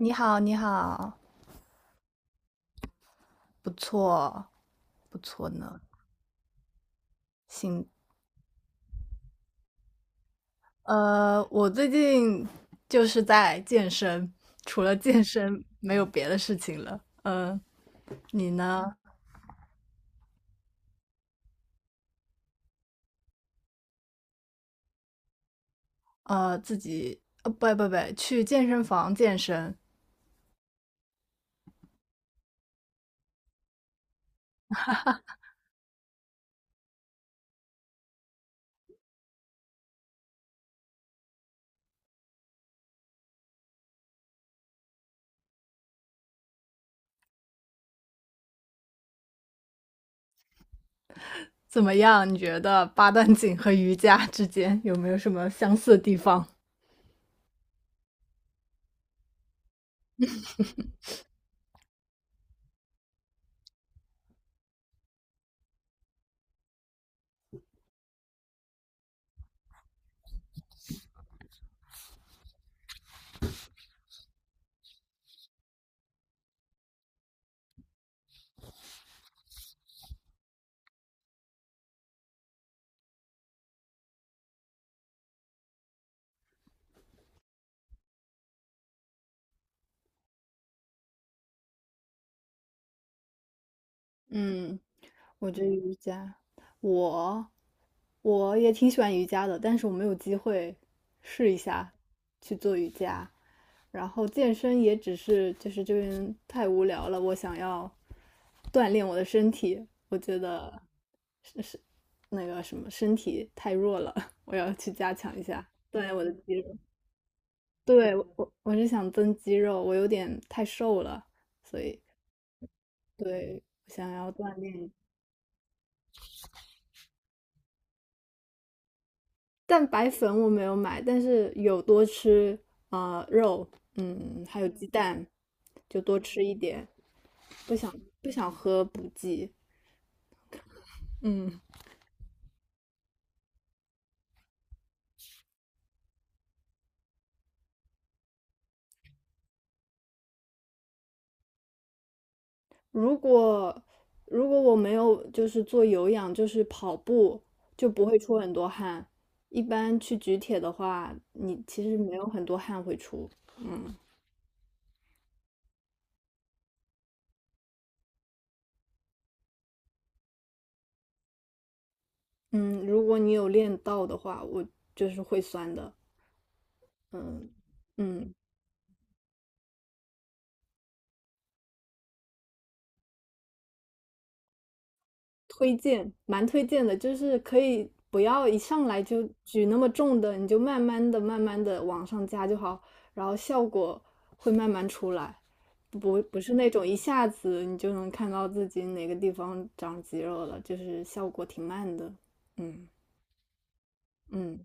你好，你好，不错，不错呢。行，我最近就是在健身，除了健身没有别的事情了。嗯、你呢？自己，不不不，去健身房健身怎么样？你觉得八段锦和瑜伽之间有没有什么相似的地方？嗯，我觉得瑜伽，我我也挺喜欢瑜伽的，但是我没有机会试一下去做瑜伽。然后健身也只是就是这边太无聊了，我想要锻炼我的身体，我觉得是那个什么身体太弱了，我要去加强一下锻炼我的肌肉。对，我是想增肌肉，我有点太瘦了，所以对，我想要锻炼。蛋白粉我没有买，但是有多吃啊肉，嗯，还有鸡蛋，就多吃一点。不想不想喝补剂。嗯如果如果我没有就是做有氧，就是跑步，就不会出很多汗。一般去举铁的话，你其实没有很多汗会出。嗯，如果你有练到的话，我就是会酸的。嗯嗯，推荐，蛮推荐的，就是可以不要一上来就举那么重的，你就慢慢的、慢慢的往上加就好，然后效果会慢慢出来，不是那种一下子你就能看到自己哪个地方长肌肉了，就是效果挺慢的。嗯嗯，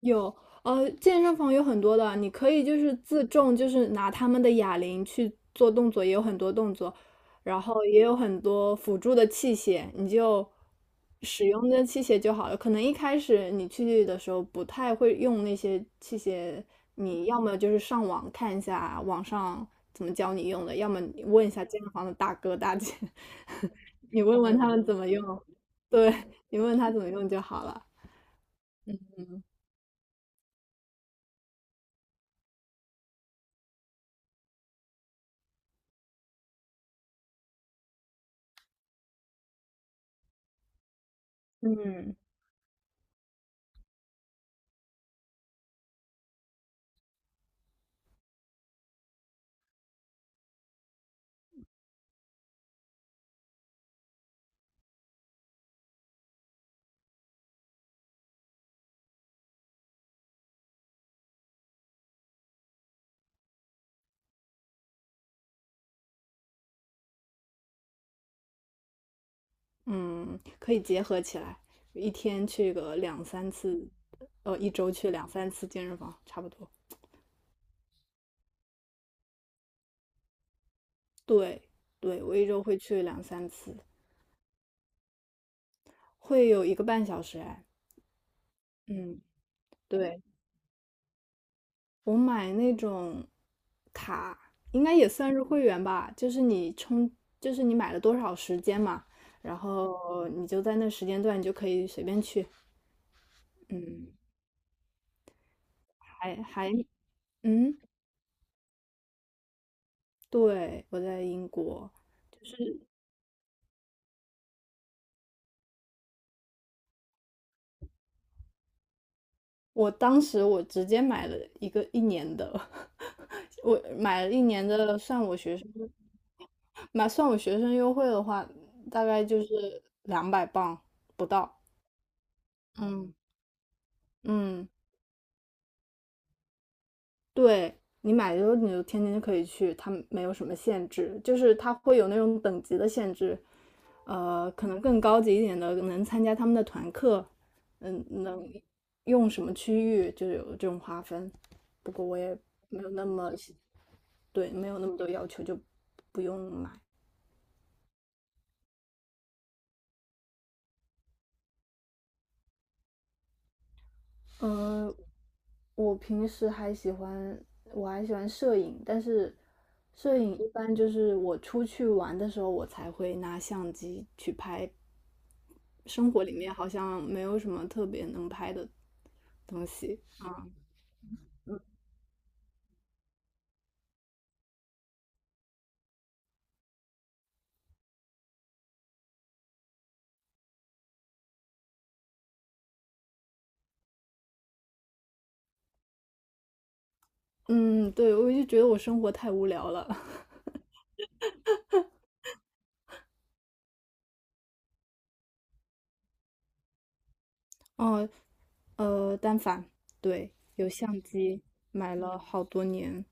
有，健身房有很多的，你可以就是自重，就是拿他们的哑铃去做动作，也有很多动作，然后也有很多辅助的器械，你就使用那器械就好了。可能一开始你去的时候不太会用那些器械，你要么就是上网看一下网上怎么教你用的，要么你问一下健身房的大哥大姐，你问问他们怎么用，对，你问他怎么用就好了。嗯。嗯，可以结合起来，一天去个两三次，一周去两三次健身房，差不多。对，对，我一周会去两三次，会有一个半小时哎。嗯，对，我买那种卡，应该也算是会员吧，就是你充，就是你买了多少时间嘛，然后你就在那时间段你就可以随便去。嗯，还还，嗯，对，我在英国。我当时我直接买了一个一年的，我买了一年的，算我学生，算我学生优惠的话，大概就是200磅不到。嗯嗯，对，你买的时候你就天天就可以去，它没有什么限制，就是他会有那种等级的限制，可能更高级一点的能参加他们的团课，嗯，能用什么区域就有这种划分。不过我也没有那么细对，没有那么多要求，就不用买。嗯，我平时还喜欢，我还喜欢摄影，但是摄影一般就是我出去玩的时候，我才会拿相机去拍。生活里面好像没有什么特别能拍的东西。嗯，对，我就觉得我生活太无聊了。哦，单反，对，有相机，买了好多年。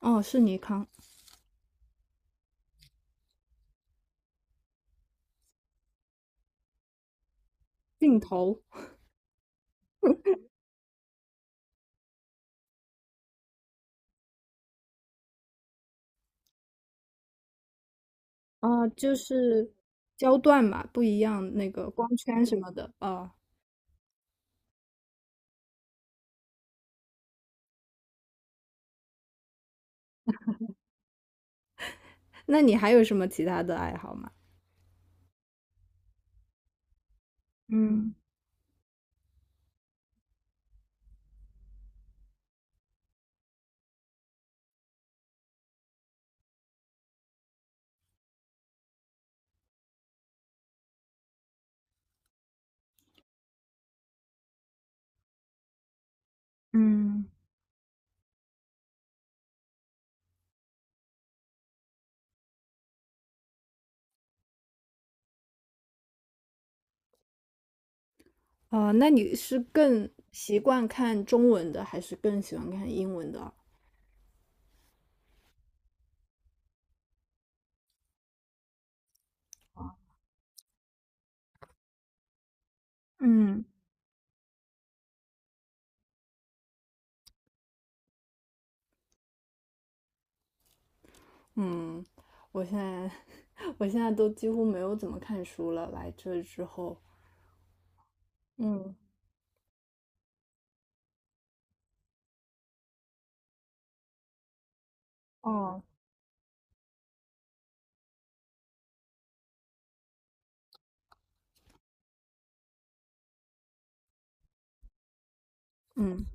哦，是尼康，镜头啊，就是焦段嘛，不一样那个光圈什么的哦。那你还有什么其他的爱好吗？嗯嗯，哦，那你是更习惯看中文的，还是更喜欢看英文的？嗯嗯，我现在 我现在都几乎没有怎么看书了，来这之后。嗯，哦，嗯，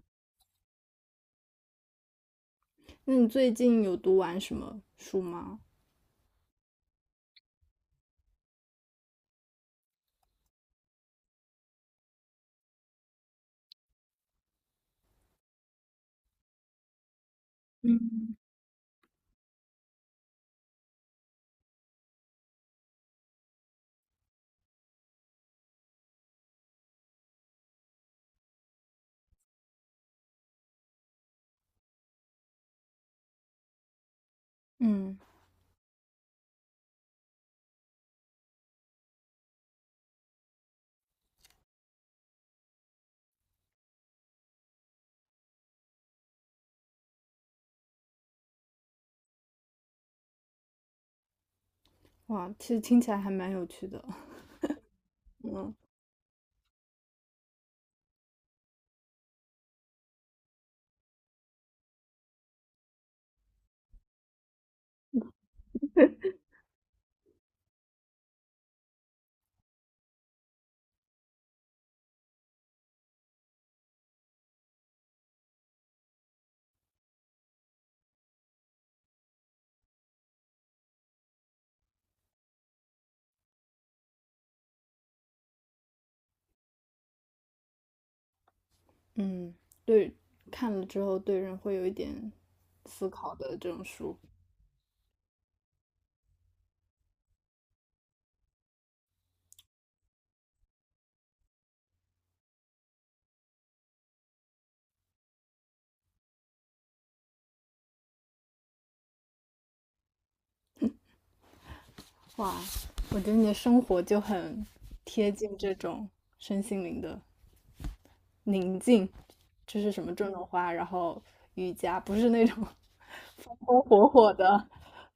那你最近有读完什么书吗？嗯，哇，其实听起来还蛮有趣的。嗯。嗯，对，看了之后对人会有一点思考的这种书。哇，我觉得你的生活就很贴近这种身心灵的宁静，就是什么种种花，然后瑜伽，不是那种 风风火火的，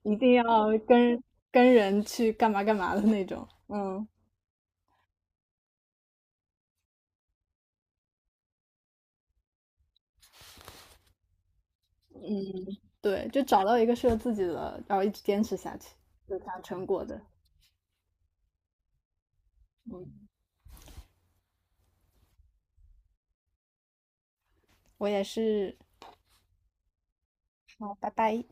一定要跟跟人去干嘛干嘛的那种。嗯，对，就找到一个适合自己的，然后一直坚持下去，就看成果的。嗯，我也是。好，拜拜。